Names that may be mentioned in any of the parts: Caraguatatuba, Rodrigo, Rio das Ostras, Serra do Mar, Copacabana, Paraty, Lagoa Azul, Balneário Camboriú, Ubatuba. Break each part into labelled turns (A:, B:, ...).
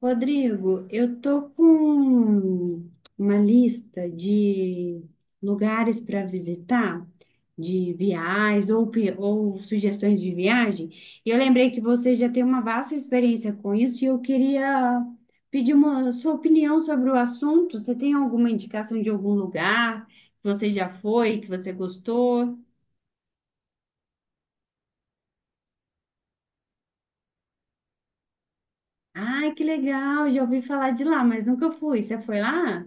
A: Rodrigo, eu tô com uma lista de lugares para visitar, de viagens ou, ou sugestões de viagem. E eu lembrei que você já tem uma vasta experiência com isso e eu queria pedir uma sua opinião sobre o assunto. Você tem alguma indicação de algum lugar que você já foi, que você gostou? Ai, que legal! Já ouvi falar de lá, mas nunca fui. Você foi lá?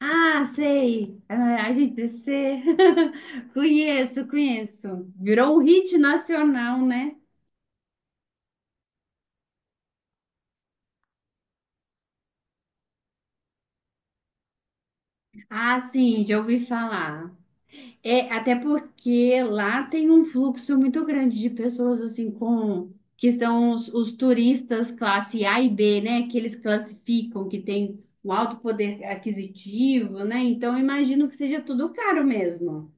A: Ah, sei. Ah, A gente se... Conheço, conheço. Virou um hit nacional, né? Ah, sim, já ouvi falar. É, até porque lá tem um fluxo muito grande de pessoas assim com que são os turistas classe A e B, né? Que eles classificam, que tem um alto poder aquisitivo, né? Então eu imagino que seja tudo caro mesmo.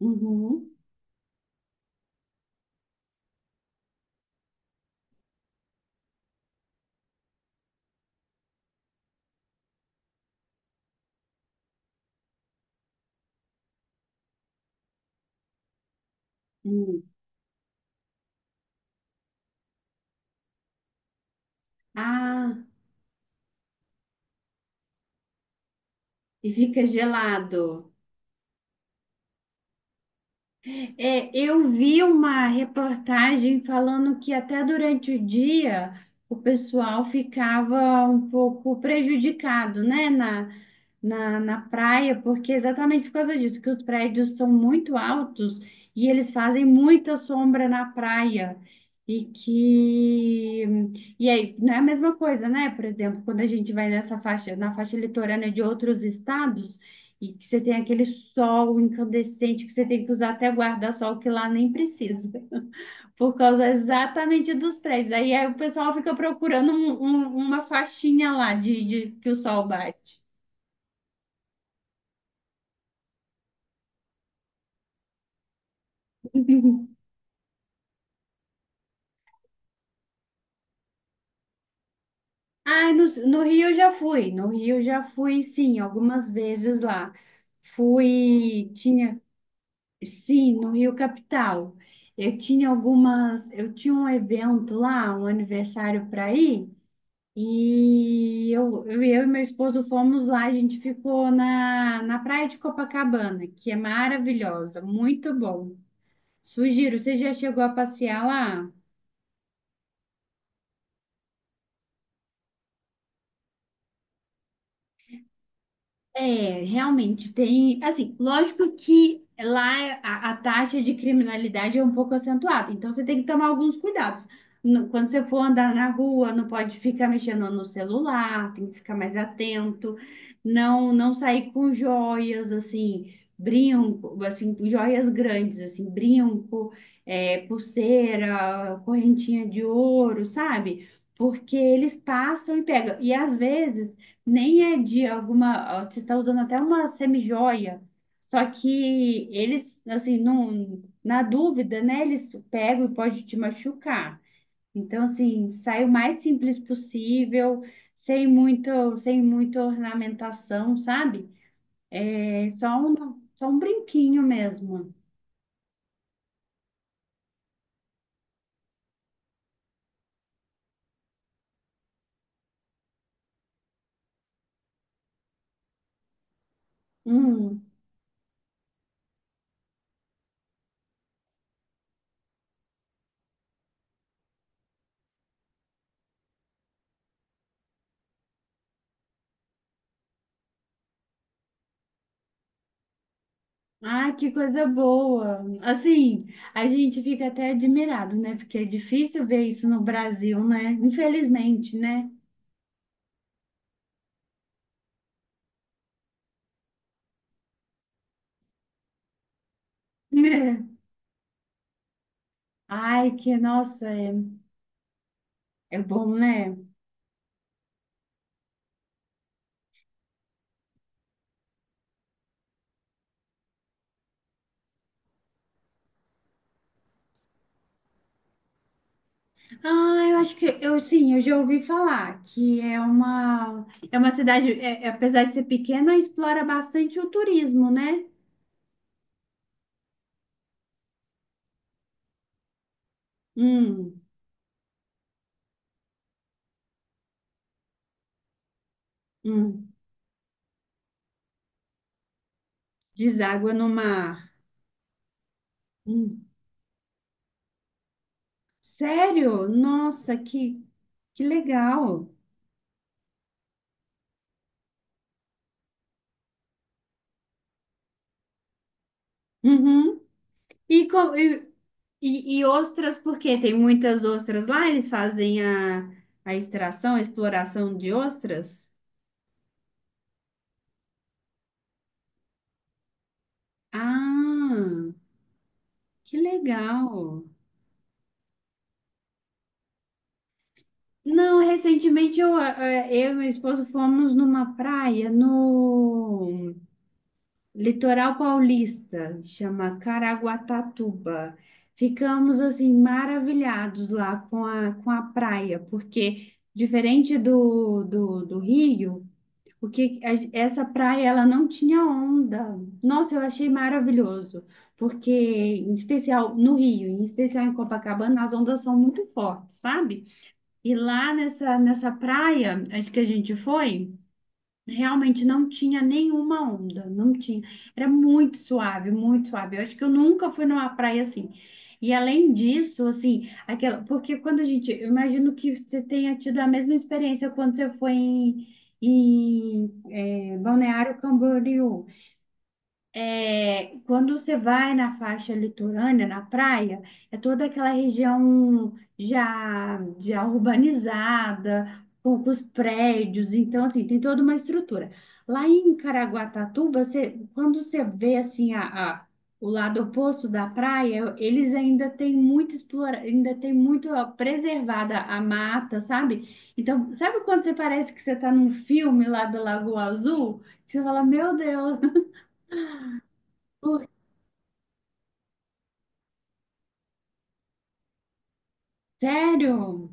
A: Uhum. Hum. Ah, e fica gelado. É, eu vi uma reportagem falando que até durante o dia o pessoal ficava um pouco prejudicado, né, na praia, porque exatamente por causa disso, que os prédios são muito altos e eles fazem muita sombra na praia. E que. E aí, não é a mesma coisa, né? Por exemplo, quando a gente vai nessa faixa, na faixa litorânea de outros estados. E que você tem aquele sol incandescente que você tem que usar até guarda-sol, que lá nem precisa, por causa exatamente dos prédios. Aí o pessoal fica procurando uma faixinha lá que o sol bate. Ah, no Rio eu já fui, no Rio eu já fui, sim, algumas vezes lá. Fui, tinha, sim, no Rio Capital. Eu tinha um evento lá, um aniversário para ir. E eu e meu esposo fomos lá, a gente ficou na praia de Copacabana, que é maravilhosa, muito bom. Sugiro, você já chegou a passear lá? É, realmente tem, assim, lógico que lá a taxa de criminalidade é um pouco acentuada, então você tem que tomar alguns cuidados. Quando você for andar na rua, não pode ficar mexendo no celular, tem que ficar mais atento, não sair com joias, assim, brinco, assim, joias grandes, assim, brinco, é, pulseira, correntinha de ouro, sabe? Porque eles passam e pegam. E às vezes nem é de alguma. Você está usando até uma semi-joia, só que eles, assim, não, na dúvida, né? Eles pegam e pode te machucar. Então, assim, sai o mais simples possível, sem muito, sem muita ornamentação, sabe? É só um brinquinho mesmo. Hum. Ah, que coisa boa! Assim, a gente fica até admirado, né? Porque é difícil ver isso no Brasil, né? Infelizmente, né? Né? Ai, que nossa, é bom, né? Ah, eu acho que eu sim, eu já ouvi falar que é uma cidade, apesar de ser pequena, explora bastante o turismo, né? Hum, hum. Deságua no mar. Hum. Sério? Nossa, que legal. Uhum. E, co- e, e, ostras, porque tem muitas ostras lá, eles fazem a extração, a exploração de ostras? Ah. Que legal! Não, recentemente eu e meu esposo fomos numa praia no litoral paulista, chama Caraguatatuba. Ficamos assim maravilhados lá com a praia, porque diferente do Rio, o que a- essa praia ela não tinha onda. Nossa, eu achei maravilhoso, porque em especial no Rio, em especial em Copacabana, as ondas são muito fortes, sabe? E lá nessa praia acho que a gente foi, realmente não tinha nenhuma onda, não tinha. Era muito suave, muito suave. Eu acho que eu nunca fui numa praia assim. E além disso, assim, aquela, porque eu imagino que você tenha tido a mesma experiência quando você foi em, em Balneário Camboriú. É, quando você vai na faixa litorânea, na praia, é toda aquela região já, já urbanizada, poucos prédios, então assim, tem toda uma estrutura. Lá em Caraguatatuba, você, quando você vê assim o lado oposto da praia, eles ainda têm muito explora, ainda tem muito ó, preservada a mata, sabe? Então, sabe quando você parece que você está num filme lá da Lagoa Azul? Que você fala, meu Deus. Sério?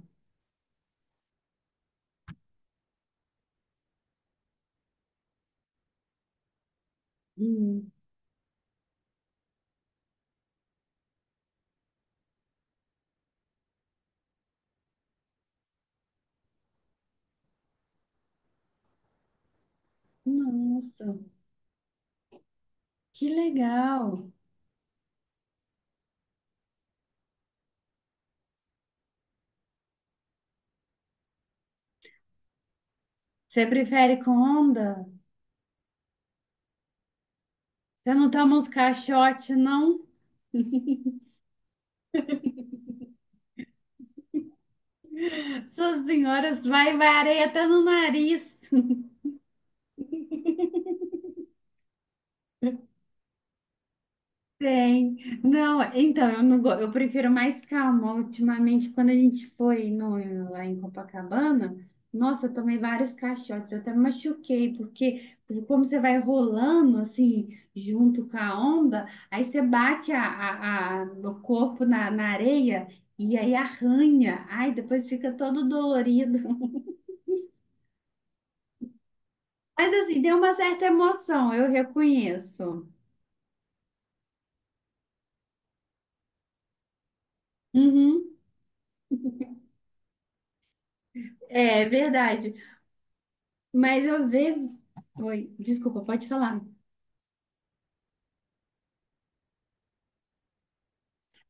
A: Hum, nossa, que legal. Você prefere com onda? Você não toma uns caixotes, não? Suas senhoras, vai, vai areia até no nariz. Tem. Não, então, eu não go... eu prefiro mais calma. Ultimamente, quando a gente foi no... lá em Copacabana, nossa, eu tomei vários caixotes, eu até me machuquei, porque como você vai rolando assim, junto com a onda, aí você bate o corpo na areia e aí arranha. Ai, depois fica todo dolorido. Mas assim, tem uma certa emoção, eu reconheço. Uhum. É verdade. Mas às vezes. Oi, desculpa, pode falar.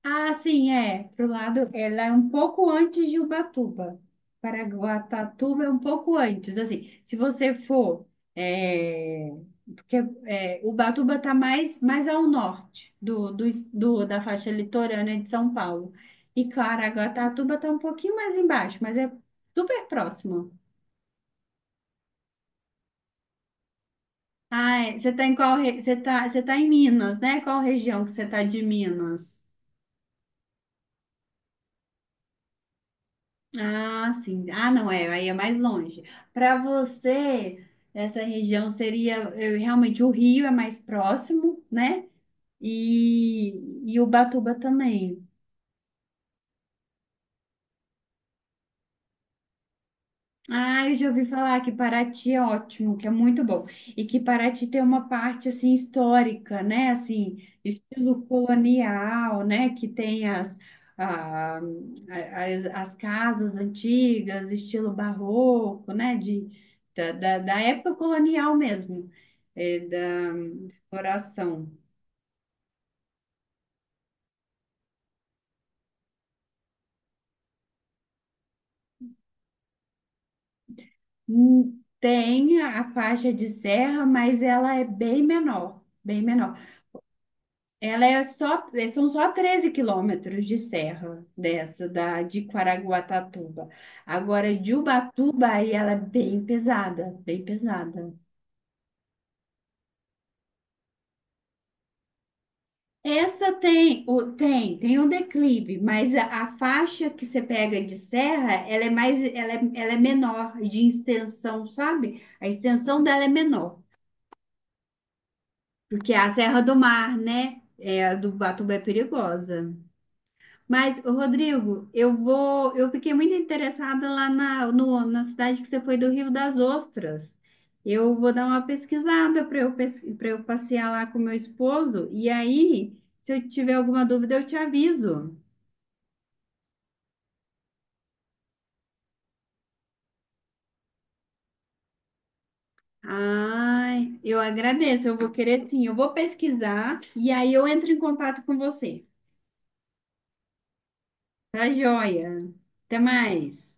A: Ah, sim, é. Pro lado, ela é um pouco antes de Ubatuba. Paraguatatuba é um pouco antes. Assim, se você for. É, porque Ubatuba está mais ao norte da faixa litorânea de São Paulo. E Caraguatatuba está um pouquinho mais embaixo, mas é super próximo. Ah, é, você está em qual. Você tá em Minas, né? Qual região que você está de Minas? Ah, sim. Ah, não, é, aí é mais longe. Para você, essa região seria realmente o Rio é mais próximo, né? E, e Ubatuba também. Ah, eu já ouvi falar que Paraty é ótimo, que é muito bom. E que Paraty tem uma parte assim histórica, né? Assim, estilo colonial, né? Que tem as, ah, as casas antigas, estilo barroco, né? Da época colonial mesmo, da exploração. Tem a faixa de serra, mas ela é bem menor, bem menor. Ela é só, é, são só 13 km de serra dessa, da, de Caraguatatuba. Agora, de Ubatuba, aí ela é bem pesada, bem pesada. Essa tem o, tem, tem um declive, mas a faixa que você pega de serra, ela é mais, ela é menor de extensão, sabe? A extensão dela é menor, porque é a Serra do Mar, né? É, a do Ubatuba é perigosa. Mas, ô, Rodrigo, eu vou. Eu fiquei muito interessada lá na, no- na cidade que você foi do Rio das Ostras. Eu vou dar uma pesquisada para eu passear lá com meu esposo. E aí, se eu tiver alguma dúvida, eu te aviso. Ai, eu agradeço. Eu vou querer sim. Eu vou pesquisar e aí eu entro em contato com você. Tá joia? Até mais.